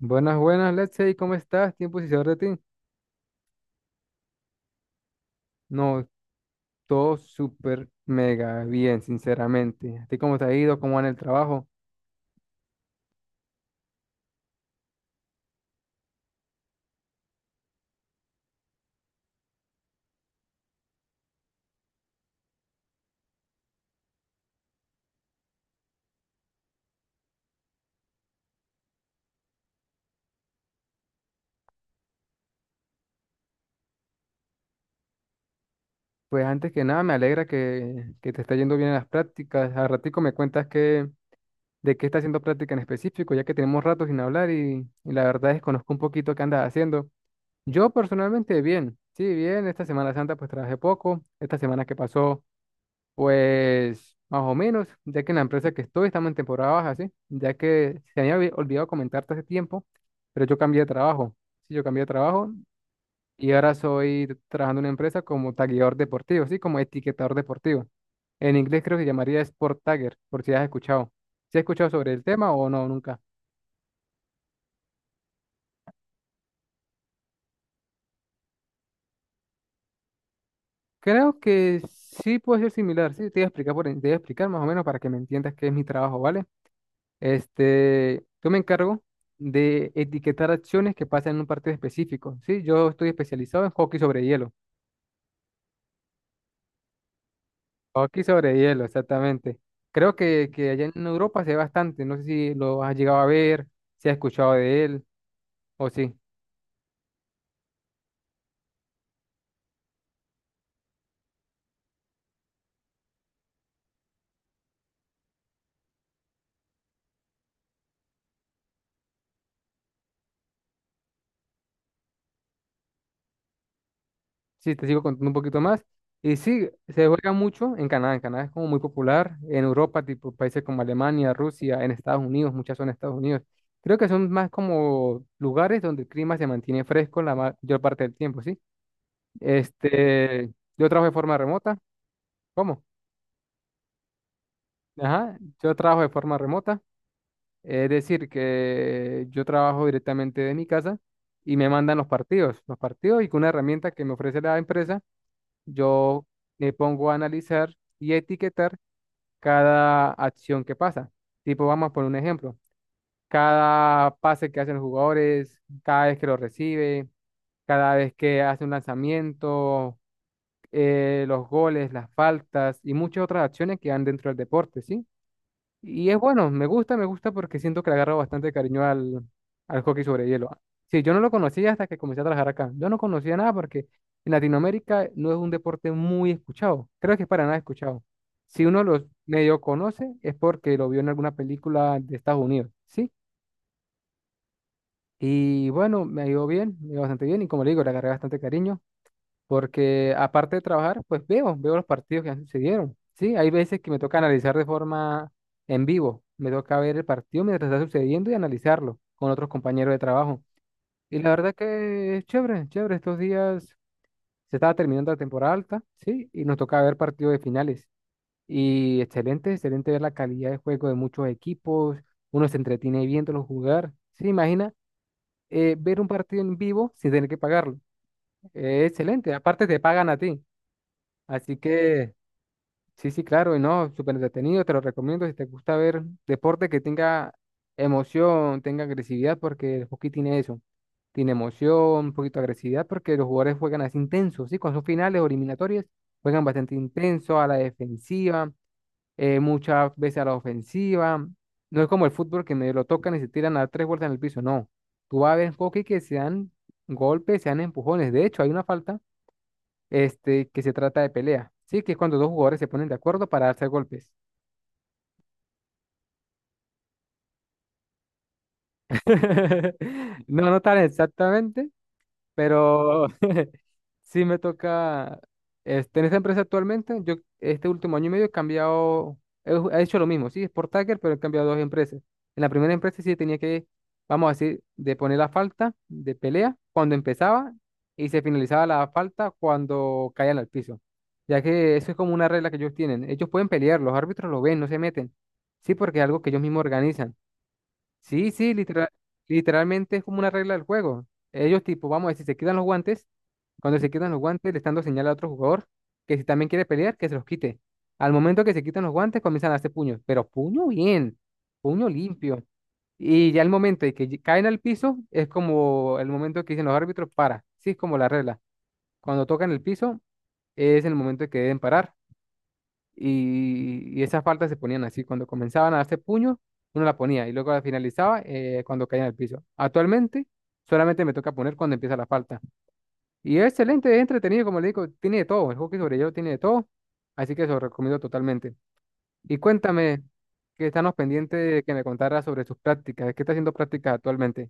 Buenas, buenas, Letsey, ¿cómo estás? ¿Tiempo sin saber de ti? No, todo súper mega bien, sinceramente. ¿A ti cómo te ha ido? ¿Cómo va en el trabajo? Pues antes que nada, me alegra que te está yendo bien en las prácticas. Al ratico me cuentas de qué estás haciendo práctica en específico, ya que tenemos rato sin hablar y la verdad desconozco un poquito qué andas haciendo. Yo personalmente bien, sí, bien. Esta Semana Santa pues trabajé poco. Esta semana que pasó, pues más o menos, ya que en la empresa que estoy estamos en temporada baja, ¿sí? Ya que se me había olvidado comentarte hace tiempo, pero yo cambié de trabajo. Sí, yo cambié de trabajo y ahora soy trabajando en una empresa como tagueador deportivo, ¿sí? Como etiquetador deportivo. En inglés creo que se llamaría Sport Tagger, por si has escuchado. ¿Si has escuchado sobre el tema o no, nunca? Creo que sí puede ser similar, sí, te voy a explicar, te voy a explicar más o menos para que me entiendas qué es mi trabajo, ¿vale? Este, yo me encargo de etiquetar acciones que pasan en un partido específico. Sí, yo estoy especializado en hockey sobre hielo. Hockey sobre hielo, exactamente. Creo que allá en Europa se ve bastante. No sé si lo has llegado a ver, si has escuchado de él o sí. Sí, te sigo contando un poquito más. Y sí, se juega mucho en Canadá. En Canadá es como muy popular. En Europa, tipo países como Alemania, Rusia, en Estados Unidos, muchas son en Estados Unidos. Creo que son más como lugares donde el clima se mantiene fresco la mayor parte del tiempo, ¿sí? Este, yo trabajo de forma remota. ¿Cómo? Ajá, yo trabajo de forma remota. Es decir, que yo trabajo directamente de mi casa y me mandan los partidos y con una herramienta que me ofrece la empresa, yo me pongo a analizar y etiquetar cada acción que pasa. Tipo, vamos a poner un ejemplo. Cada pase que hacen los jugadores, cada vez que lo recibe, cada vez que hace un lanzamiento, los goles, las faltas y muchas otras acciones que van dentro del deporte, ¿sí? Y es bueno, me gusta porque siento que le agarro bastante cariño al, al hockey sobre hielo. Sí, yo no lo conocía hasta que comencé a trabajar acá. Yo no conocía nada porque en Latinoamérica no es un deporte muy escuchado. Creo que es para nada escuchado. Si uno los medio conoce es porque lo vio en alguna película de Estados Unidos, ¿sí? Y bueno, me ha ido bien, me ha ido bastante bien y como le digo, le agarré bastante cariño porque aparte de trabajar, pues veo los partidos que han sucedieron. Sí, hay veces que me toca analizar de forma en vivo, me toca ver el partido mientras está sucediendo y analizarlo con otros compañeros de trabajo. Y la verdad que es chévere, chévere. Estos días se estaba terminando la temporada alta, sí, y nos toca ver partidos de finales. Y excelente, excelente ver la calidad de juego de muchos equipos, uno se entretiene viéndolos jugar. Sí, imagina, ver un partido en vivo sin tener que pagarlo. Excelente, aparte te pagan a ti. Así que, sí, sí, claro, y no, súper entretenido, te lo recomiendo si te gusta ver deporte que tenga emoción, tenga agresividad, porque el hockey tiene eso, tiene emoción, un poquito de agresividad, porque los jugadores juegan así intensos, ¿sí? Cuando son finales o eliminatorias, juegan bastante intenso a la defensiva, muchas veces a la ofensiva, no es como el fútbol que me lo tocan y se tiran a tres vueltas en el piso, no, tú vas a ver hockey que se dan golpes, se dan empujones, de hecho, hay una falta este, que se trata de pelea, ¿sí? Que es cuando dos jugadores se ponen de acuerdo para darse golpes. No, no tan exactamente. Pero sí me toca, este, en esta empresa actualmente, yo este último año y medio he cambiado, he hecho lo mismo, sí, es por Tagger, pero he cambiado dos empresas. En la primera empresa sí tenía que, vamos a decir, de poner la falta de pelea cuando empezaba y se finalizaba la falta cuando caían al piso, ya que eso es como una regla que ellos tienen. Ellos pueden pelear, los árbitros lo ven, no se meten, sí, porque es algo que ellos mismos organizan. Sí, sí, literalmente es como una regla del juego. Ellos tipo, vamos a decir, se quitan los guantes. Cuando se quitan los guantes, le están dando señal a otro jugador que si también quiere pelear, que se los quite. Al momento que se quitan los guantes, comienzan a hacer puños, pero puño bien, puño limpio. Y ya el momento de que caen al piso, es como el momento que dicen los árbitros para. Sí, es como la regla. Cuando tocan el piso, es el momento de que deben parar y esas faltas se ponían así. Cuando comenzaban a darse puños, uno la ponía y luego la finalizaba, cuando caía en el piso. Actualmente solamente me toca poner cuando empieza la falta. Y es excelente, es entretenido, como le digo, tiene de todo. El hockey sobre hielo tiene de todo. Así que se lo recomiendo totalmente. Y cuéntame, que estamos pendientes de que me contara sobre sus prácticas. ¿Qué está haciendo prácticas actualmente?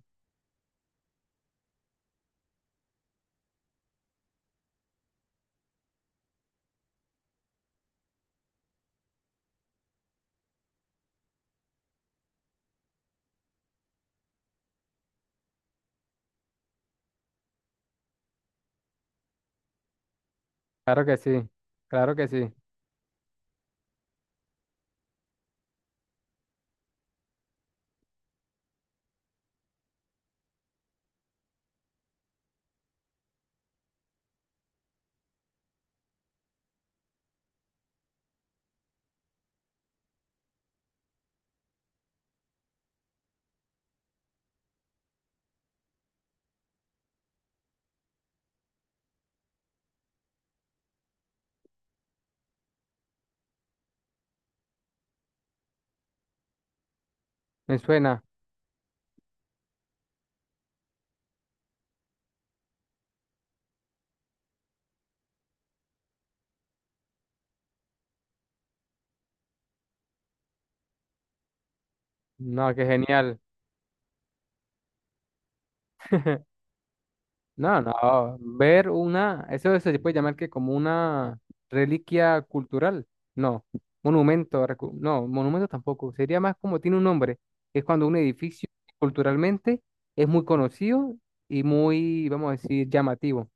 Claro que sí, claro que sí. Me suena. No, qué genial. No, no, ver una, eso se puede llamar que como una reliquia cultural, no, monumento, no, monumento tampoco, sería más como tiene un nombre, es cuando un edificio culturalmente es muy conocido y muy, vamos a decir, llamativo.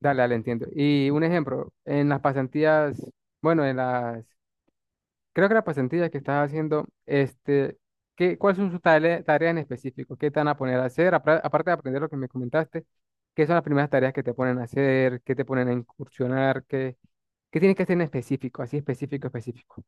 Dale, dale, entiendo. Y un ejemplo, en las pasantías, bueno, en las creo que la pasantía que estás haciendo, este, cuáles son sus tareas en específico? ¿Qué te van a poner a hacer? Aparte de aprender lo que me comentaste, ¿qué son las primeras tareas que te ponen a hacer? ¿Qué te ponen a incursionar? ¿Qué tienes que hacer en específico? Así específico, específico.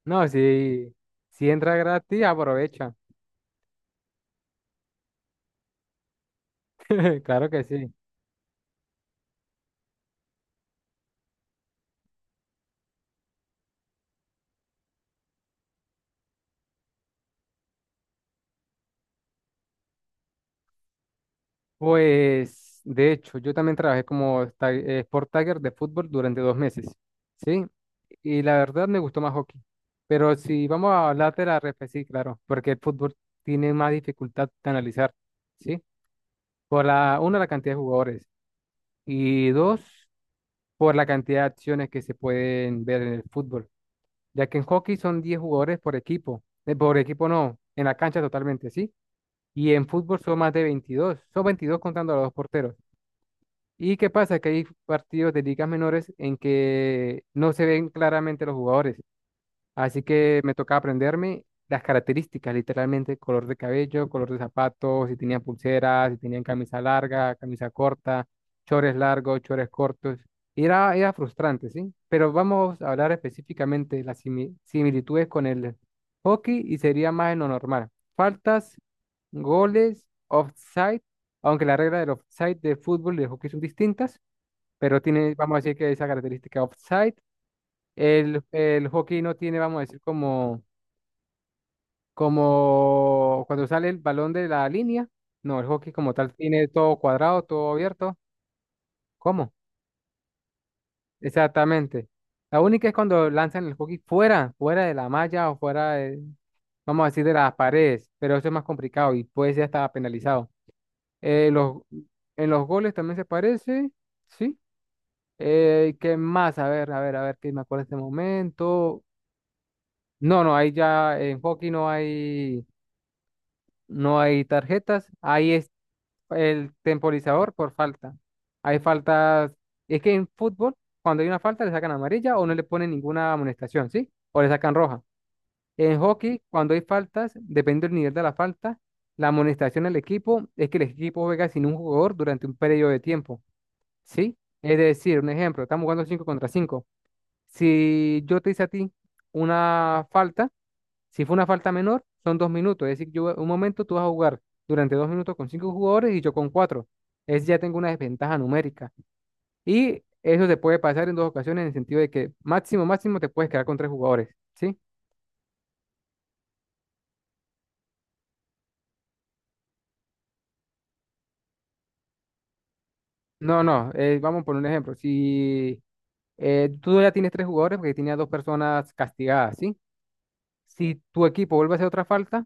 No, si entra gratis, aprovecha. Claro que sí. Pues, de hecho, yo también trabajé como Sport Tagger de fútbol durante 2 meses, ¿sí? Y la verdad me gustó más hockey. Pero si vamos a hablar de la ref, sí, claro, porque el fútbol tiene más dificultad de analizar, ¿sí? Por la, uno la cantidad de jugadores y dos, por la cantidad de acciones que se pueden ver en el fútbol, ya que en hockey son 10 jugadores por equipo no, en la cancha totalmente, ¿sí? Y en fútbol son más de 22, son 22 contando a los dos porteros. ¿Y qué pasa? Que hay partidos de ligas menores en que no se ven claramente los jugadores. Así que me tocaba aprenderme las características, literalmente, color de cabello, color de zapatos, si tenían pulseras, si tenían camisa larga, camisa corta, chores largos, chores cortos. Y era frustrante, ¿sí? Pero vamos a hablar específicamente de las similitudes con el hockey y sería más en lo normal. Faltas, goles, offside, aunque la regla del offside del fútbol y del hockey son distintas, pero tiene, vamos a decir que esa característica offside el hockey no tiene, vamos a decir, como, cuando sale el balón de la línea. No, el hockey como tal tiene todo cuadrado, todo abierto. ¿Cómo? Exactamente. La única es cuando lanzan el hockey fuera, fuera de la malla o fuera de, vamos a decir, de las paredes, pero eso es más complicado y puede ser hasta penalizado. Eh, los, en los goles también se parece, ¿sí? ¿Qué más? A ver, a ver, a ver, que me acuerdo de este momento. No, no, ahí ya en hockey no hay tarjetas, ahí es el temporizador por falta. Hay faltas, es que en fútbol, cuando hay una falta, le sacan amarilla o no le ponen ninguna amonestación, ¿sí? O le sacan roja. En hockey, cuando hay faltas, depende del nivel de la falta, la amonestación al equipo es que el equipo juega sin un jugador durante un periodo de tiempo, ¿sí? Es decir, un ejemplo, estamos jugando 5 contra 5. Si yo te hice a ti una falta, si fue una falta menor, son 2 minutos. Es decir, yo un momento tú vas a jugar durante 2 minutos con cinco jugadores y yo con cuatro. Es ya tengo una desventaja numérica. Y eso se puede pasar en dos ocasiones en el sentido de que máximo, máximo te puedes quedar con tres jugadores, ¿sí? No, no, vamos por un ejemplo. Si tú ya tienes tres jugadores porque tenía dos personas castigadas, ¿sí? Si tu equipo vuelve a hacer otra falta,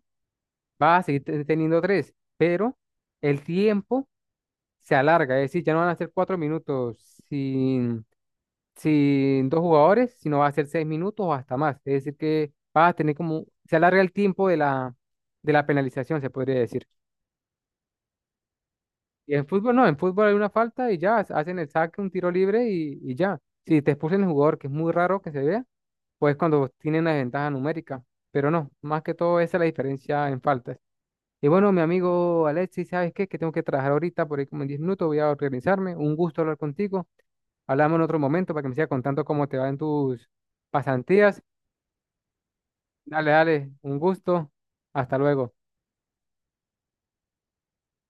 vas a seguir teniendo tres, pero el tiempo se alarga, es decir, ya no van a ser 4 minutos sin sin dos jugadores, sino va a ser 6 minutos o hasta más. Es decir, que va a tener como, se alarga el tiempo de la penalización, se podría decir. Y en fútbol no, en fútbol hay una falta y ya hacen el saque, un tiro libre y ya. Si te expulsan el jugador, que es muy raro que se vea, pues cuando tienen la ventaja numérica. Pero no, más que todo esa es la diferencia en faltas. Y bueno, mi amigo Alexis, ¿sabes qué? Que tengo que trabajar ahorita, por ahí como en 10 minutos voy a organizarme. Un gusto hablar contigo. Hablamos en otro momento para que me sigas contando cómo te va en tus pasantías. Dale, dale, un gusto. Hasta luego.